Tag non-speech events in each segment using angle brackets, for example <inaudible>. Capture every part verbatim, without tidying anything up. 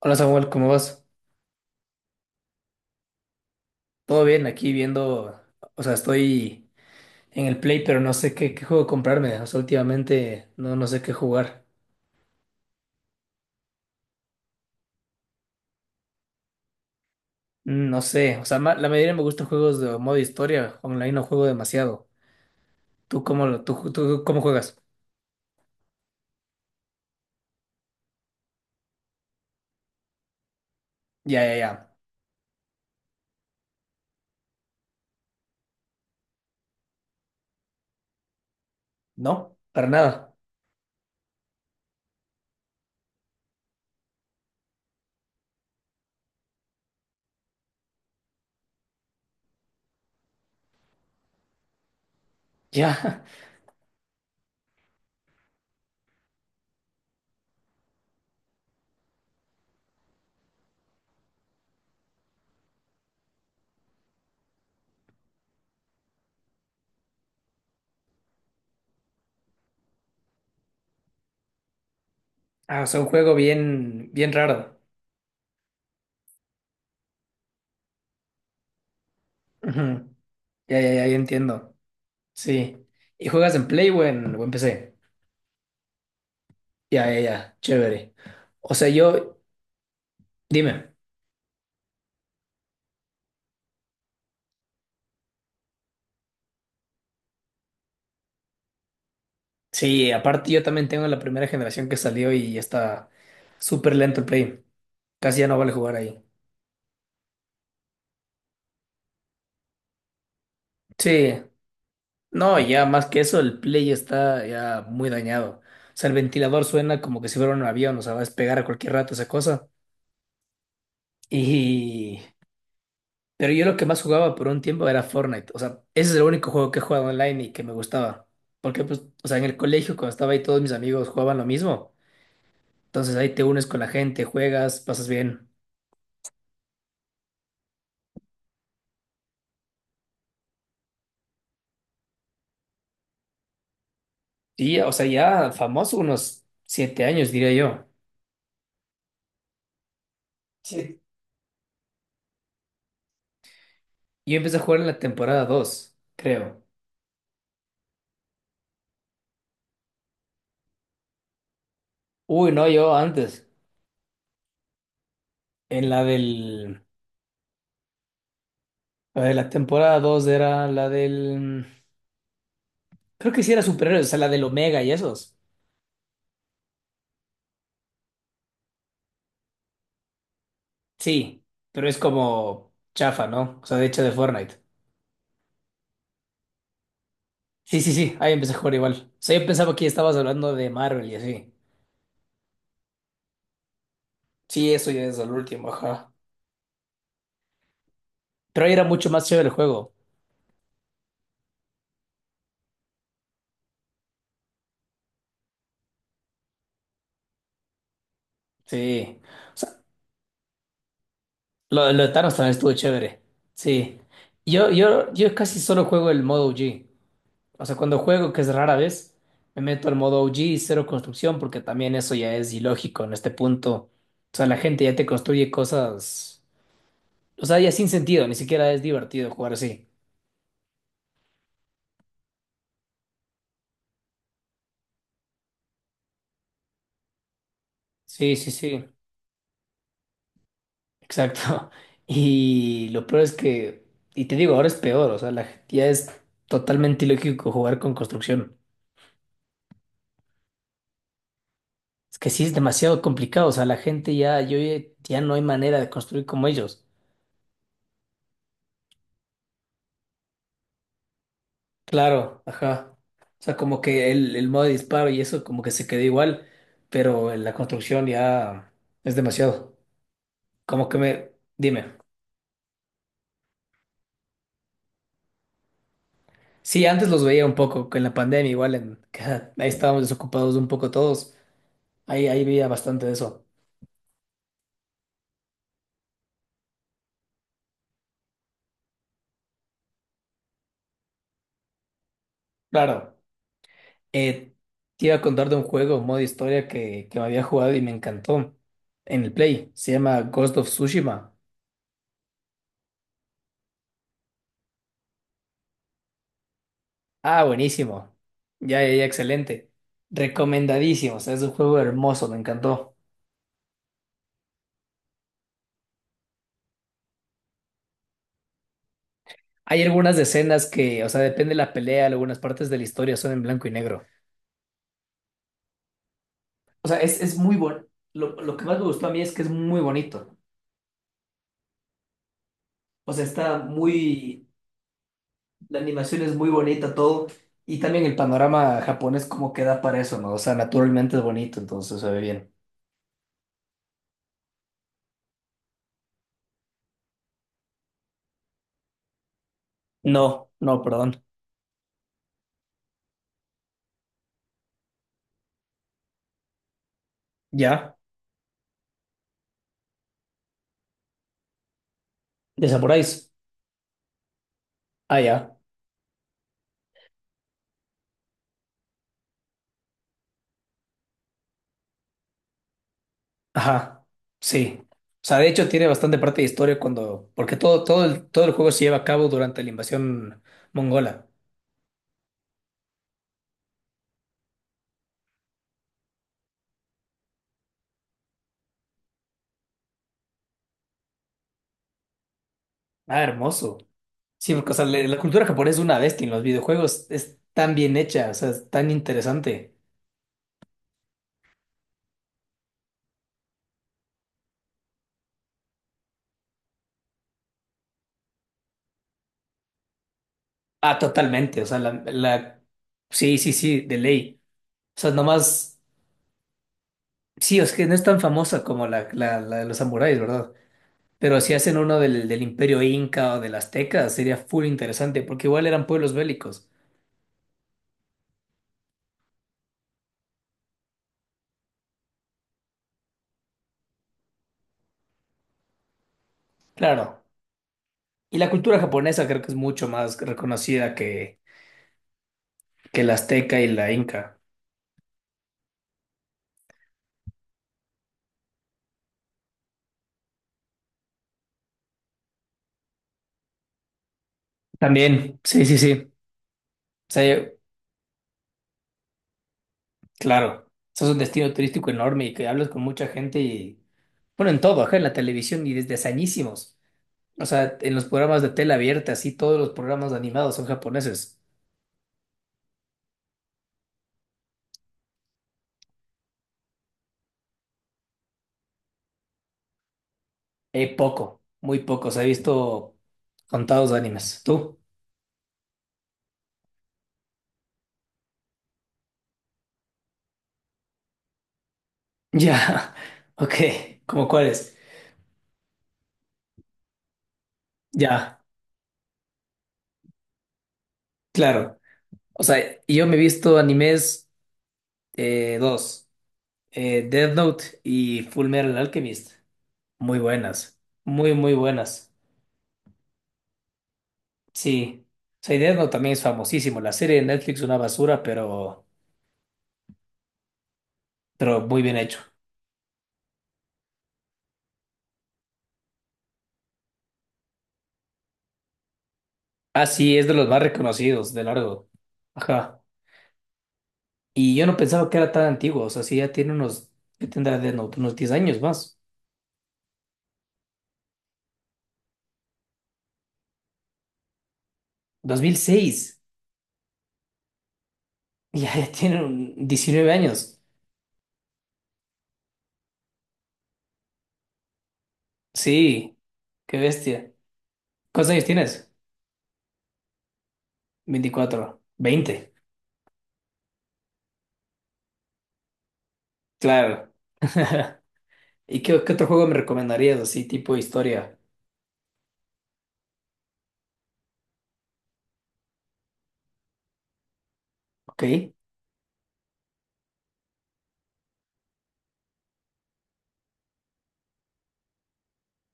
Hola Samuel, ¿cómo vas? Todo bien, aquí viendo, o sea, estoy en el Play, pero no sé qué, qué juego comprarme. O sea, últimamente no, no sé qué jugar. Mm, No sé, o sea, ma- la mayoría me gustan juegos de modo historia, online no juego demasiado. ¿Tú cómo, lo- tú, ju- tú cómo juegas? Ya, ya, ya. ¿No? Para nada. Ya. <laughs> Ah, o sea, un juego bien, bien raro. Ujú. Ya, ya, ya, ya entiendo. Sí. ¿Y juegas en Play o en, o en P C? Ya, ya, ya. Chévere. O sea, yo, dime. Sí, aparte yo también tengo la primera generación que salió y ya está súper lento el Play. Casi ya no vale jugar ahí. Sí, no, ya más que eso, el Play está ya muy dañado. O sea, el ventilador suena como que si fuera un avión, o sea, va a despegar a cualquier rato esa cosa. Y... Pero yo lo que más jugaba por un tiempo era Fortnite. O sea, ese es el único juego que he jugado online y que me gustaba. Porque, pues, o sea, en el colegio cuando estaba ahí todos mis amigos jugaban lo mismo. Entonces ahí te unes con la gente, juegas, pasas bien. Y, o sea, ya famoso unos siete años, diría yo. Sí. Yo empecé a jugar en la temporada dos, creo. Uy, no, yo antes. En la del... La de la temporada dos era la del... Creo que sí era superhéroes, o sea, la del Omega y esos. Sí, pero es como chafa, ¿no? O sea, de hecho de Fortnite. Sí, sí, sí, ahí empecé a jugar igual. O sea, yo pensaba que estabas hablando de Marvel y así. Sí, eso ya es el último, ajá. Pero ahí era mucho más chévere el juego. Sí. O Lo, lo de Thanos también estuvo chévere. Sí. Yo, yo, yo casi solo juego el modo O g. O sea, cuando juego, que es rara vez, me meto al modo O g y cero construcción, porque también eso ya es ilógico en este punto. O sea, la gente ya te construye cosas. O sea, ya sin sentido, ni siquiera es divertido jugar así. Sí, sí, sí. Exacto. <laughs> Y lo peor es que. Y te digo, ahora es peor. O sea, la- ya es totalmente ilógico jugar con construcción. Es que sí es demasiado complicado, o sea, la gente ya, yo ya ya no hay manera de construir como ellos. Claro, ajá. O sea, como que el, el modo de disparo y eso como que se quedó igual, pero en la construcción ya es demasiado. Como que me, dime. Sí, antes los veía un poco, que en la pandemia igual, en, que <laughs> ahí estábamos desocupados un poco todos, ahí, ahí veía bastante de eso. Claro, eh, te iba a contar de un juego, modo historia que, que me había jugado y me encantó en el Play, se llama Ghost of Tsushima. Ah, buenísimo. Ya, ya, ya, excelente. Recomendadísimo. O sea, es un juego hermoso, me encantó. Hay algunas escenas que, o sea, depende de la pelea, algunas partes de la historia son en blanco y negro. O sea, es, es muy bueno. Lo, lo que más me gustó a mí es que es muy bonito. O sea, está muy... La animación es muy bonita, todo. Y también el panorama japonés como queda para eso, ¿no? O sea, naturalmente es bonito, entonces se ve bien. No, no, perdón. ¿Ya? ¿De samuráis? Ah, ya. Ajá, sí. O sea, de hecho tiene bastante parte de historia cuando, porque todo, todo el, todo el juego se lleva a cabo durante la invasión mongola. Ah, hermoso. Sí, porque o sea, le- la cultura japonesa es una bestia en los videojuegos, es tan bien hecha, o sea, es tan interesante. Ah, totalmente, o sea, la, la- sí, sí, sí, de ley. O sea, nomás, sí, es que no es tan famosa como la, la, la de los samuráis, ¿verdad? Pero si hacen uno del, del Imperio Inca o del Azteca, sería full interesante, porque igual eran pueblos bélicos. Claro. Y la cultura japonesa creo que es mucho más reconocida que, que la azteca y la inca. También, sí, sí, sí. O sea, yo- claro, eso es un destino turístico enorme y que hablas con mucha gente y, bueno, en todo, ajá, en la televisión y desde hazañísimos. O sea, en los programas de tela abierta, así, todos los programas animados son japoneses. Eh, poco, muy poco. Se ha visto contados animes. ¿Tú? Ya, <laughs> ok, ¿cómo cuáles? Ya, claro. O sea, y yo me he visto animes. Eh, dos, eh, Death Note y Full Metal Alchemist. Muy buenas, muy, muy buenas. Sí, o sea, y Death Note también es famosísimo. La serie de Netflix es una basura, pero, pero muy bien hecho. Ah, sí, es de los más reconocidos, de largo. Ajá. Y yo no pensaba que era tan antiguo. O sea, sí, ya tiene unos, ¿qué tendrá Death Note? Unos diez años más. dos mil seis. <laughs> Ya, ya tiene un diecinueve años. Sí, qué bestia. ¿Cuántos años tienes? Veinticuatro veinte. Claro. <laughs> ¿Y qué, qué otro juego me recomendarías así, tipo historia? Ok,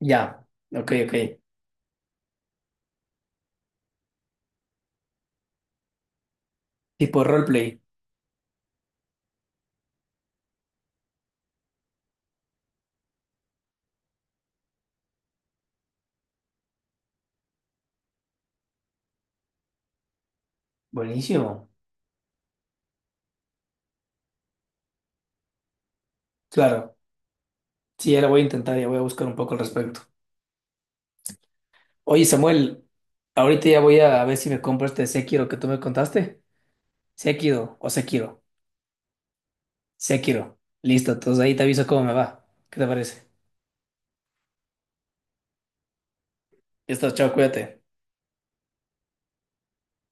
ya, ok, ok. Tipo roleplay. Buenísimo. Claro. Sí, ya lo voy a intentar, ya voy a buscar un poco al respecto. Oye, Samuel, ahorita ya voy a ver si me compro este Sekiro que tú me contaste. Sekiro o Sekiro. Sekiro. Listo, entonces ahí te aviso cómo me va. ¿Qué te parece? Ya está, chao, cuídate.